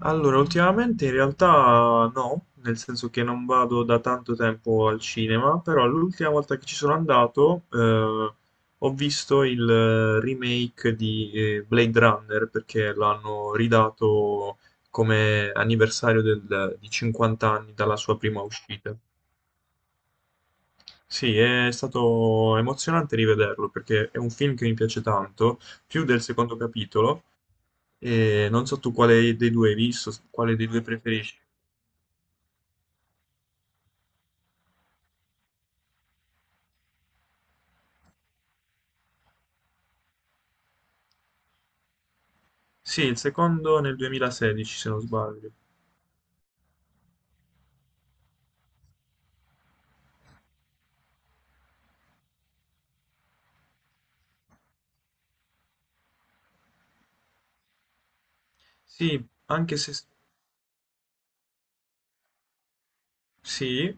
Allora, ultimamente in realtà no, nel senso che non vado da tanto tempo al cinema, però l'ultima volta che ci sono andato ho visto il remake di Blade Runner perché l'hanno ridato come anniversario di 50 anni dalla sua prima uscita. Sì, è stato emozionante rivederlo perché è un film che mi piace tanto, più del secondo capitolo, e non so tu quale dei due hai visto, quale dei due preferisci. Sì, il secondo nel 2016, se non sbaglio. Sì, anche se... Sì,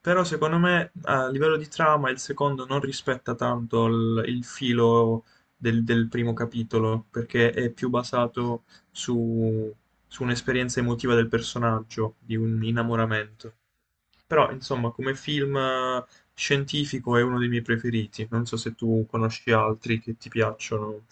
però secondo me a livello di trama il secondo non rispetta tanto il filo del primo capitolo, perché è più basato su, su un'esperienza emotiva del personaggio, di un innamoramento. Però, insomma, come film scientifico è uno dei miei preferiti. Non so se tu conosci altri che ti piacciono.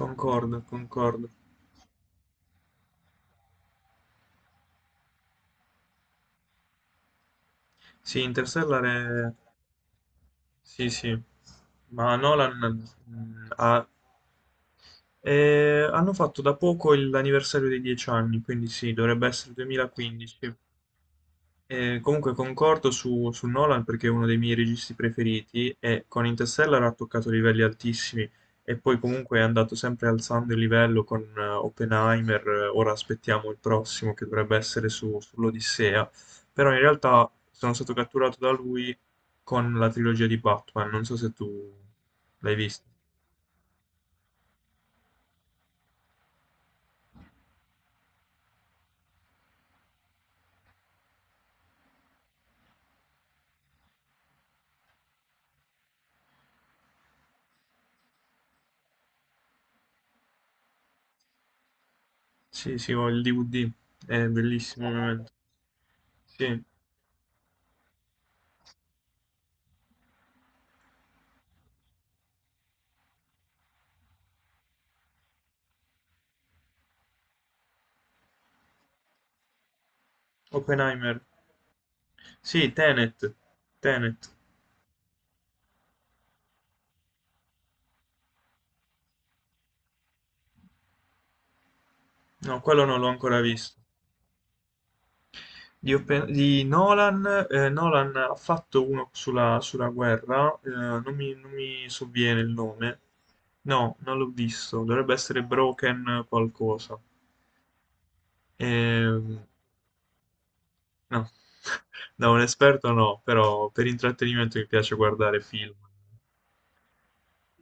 Concordo, concordo. Sì, Interstellar è... Sì, sì, ma Nolan mm, ha- hanno fatto da poco l'anniversario dei 10 anni, quindi sì, dovrebbe essere 2015. Comunque concordo su Nolan perché è uno dei miei registi preferiti e con Interstellar ha toccato livelli altissimi e poi comunque è andato sempre alzando il livello con Oppenheimer, ora aspettiamo il prossimo che dovrebbe essere sull'Odissea, però in realtà sono stato catturato da lui con la trilogia di Batman, non so se tu l'hai visto. Sì, sì, ho il DVD, è bellissimo ovviamente. Sì, Oppenheimer. Sì, Tenet. Tenet. No, quello non l'ho ancora visto. Di Nolan, Nolan ha fatto uno sulla guerra, non mi sovviene il nome. No, non l'ho visto, dovrebbe essere Broken qualcosa. Ehm, no, da un esperto no, però per intrattenimento mi piace guardare film.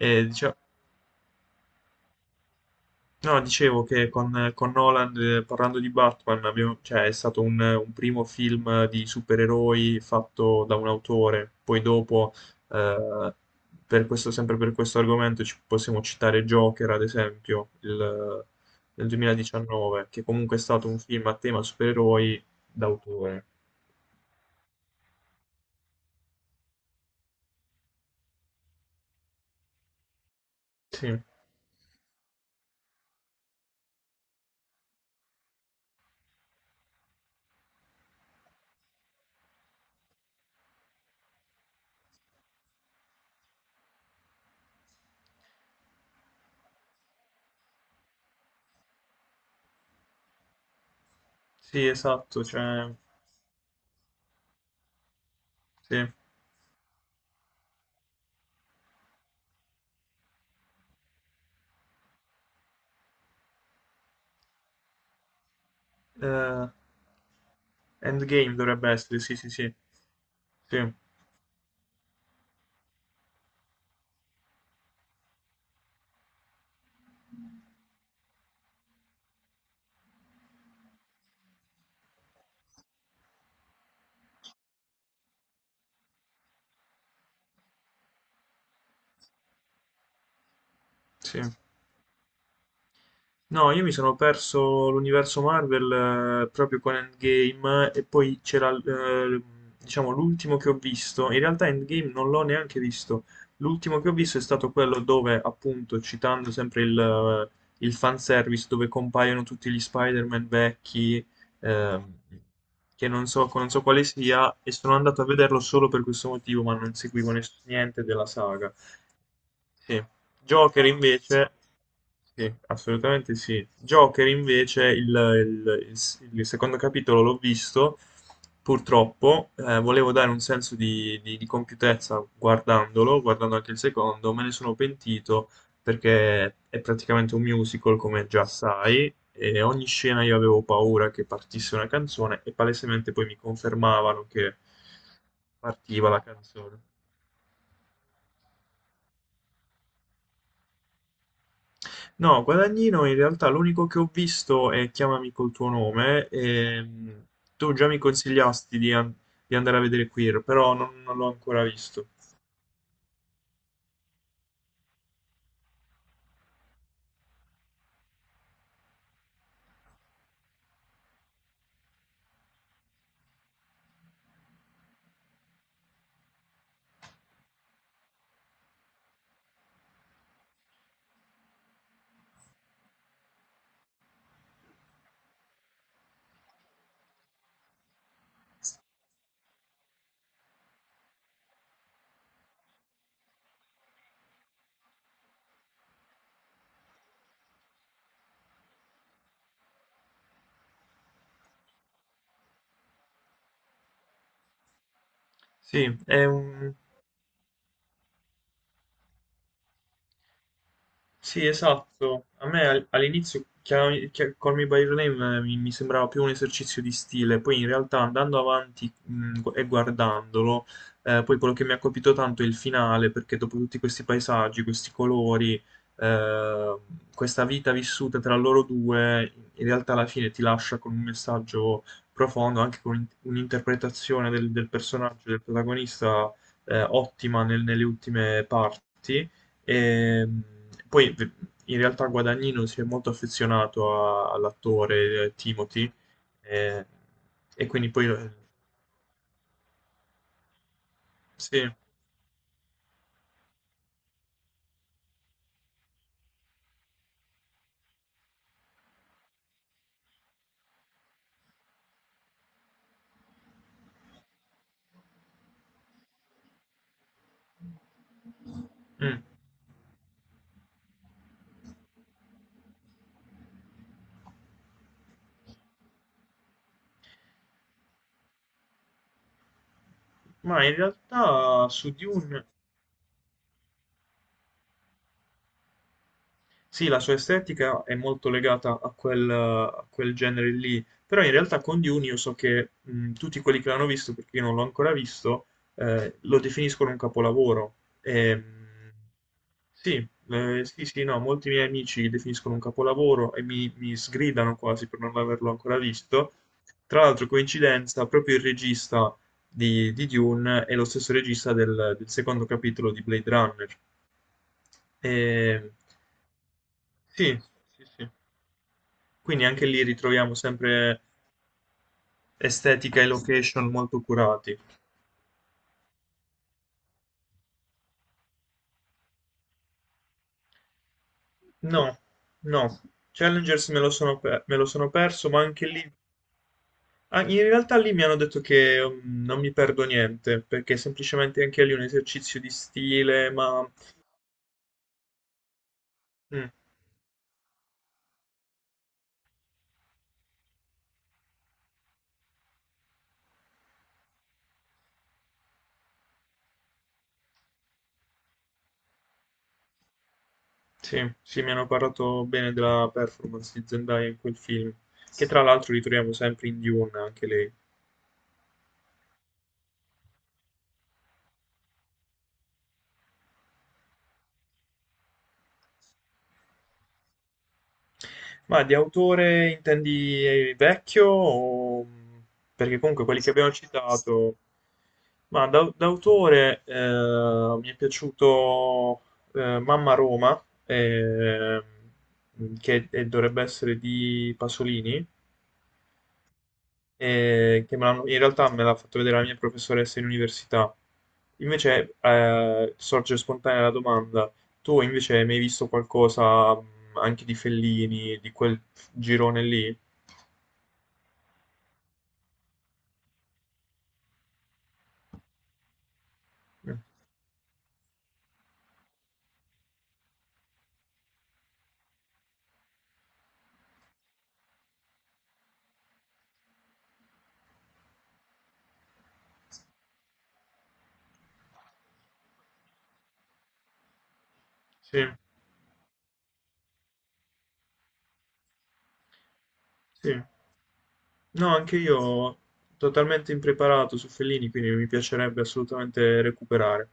E, dicia- No, dicevo che con Nolan, parlando di Batman, cioè, è stato un primo film di supereroi fatto da un autore. Poi dopo, eh, sempre per questo argomento, ci possiamo citare Joker, ad esempio, del 2019, che comunque è stato un film a tema supereroi d'autore. Sì, sì, esatto, cioè, sì. Eh, Endgame dovrebbe essere, sì, sì, sì, sì, sì. No, io mi sono perso l'universo Marvel proprio con Endgame e poi c'era diciamo l'ultimo che ho visto. In realtà Endgame non l'ho neanche visto. L'ultimo che ho visto è stato quello dove, appunto, citando sempre il fanservice, dove compaiono tutti gli Spider-Man vecchi, ehm, che non so quale sia, e sono andato a vederlo solo per questo motivo, ma non seguivo niente della saga. Sì. Joker invece, sì, assolutamente sì. Joker invece, il secondo capitolo l'ho visto, purtroppo, volevo dare un senso di compiutezza guardandolo, guardando anche il secondo, me ne sono pentito perché è praticamente un musical, come già sai, e ogni scena io avevo paura che partisse una canzone e palesemente poi mi confermavano che partiva la canzone. No, Guadagnino in realtà l'unico che ho visto è Chiamami col tuo nome. Tu già mi consigliasti di andare a vedere Queer, però non l'ho ancora visto. Sì, è un. Sì, esatto. A me all'inizio Call Me by Your Name mi sembrava più un esercizio di stile, poi in realtà andando avanti e guardandolo, poi quello che mi ha colpito tanto è il finale, perché dopo tutti questi paesaggi, questi colori, eh, questa vita vissuta tra loro due, in realtà alla fine ti lascia con un messaggio profondo, anche con un'interpretazione del personaggio, del protagonista, ottima nelle ultime parti. E, mh, poi v- In realtà Guadagnino si è molto affezionato all'attore Timothy eh, e, quindi poi sì. Mm. Ma in realtà su Dune. Sì, la sua estetica è molto legata a quel, genere lì, però in realtà con Dune io so che tutti quelli che l'hanno visto, perché io non l'ho ancora visto, lo definiscono un capolavoro. E, sì, sì, sì, no, molti miei amici lo definiscono un capolavoro e mi sgridano quasi per non averlo ancora visto. Tra l'altro, coincidenza, proprio il regista di Dune è lo stesso regista del secondo capitolo di Blade Runner. E, sì, sì, sì. Quindi anche lì ritroviamo sempre estetica e location molto curati. No, no, Challengers me lo sono perso, ma anche lì... Ah, in realtà lì mi hanno detto che non mi perdo niente, perché è semplicemente anche lì è un esercizio di stile, ma... mm, sì, sì, mi hanno parlato bene della performance di Zendaya in quel film, che tra l'altro ritroviamo sempre in Dune, anche lei. Ma di autore intendi vecchio? Perché comunque quelli che abbiamo citato... Ma d'autore mi è piaciuto Mamma Roma, che dovrebbe essere di Pasolini, che in realtà me l'ha fatto vedere la mia professoressa in università. Invece sorge spontanea la domanda, tu invece hai mai visto qualcosa anche di Fellini, di quel girone lì? Mm, sì, sì. No, anche io totalmente impreparato su Fellini, quindi mi piacerebbe assolutamente recuperare.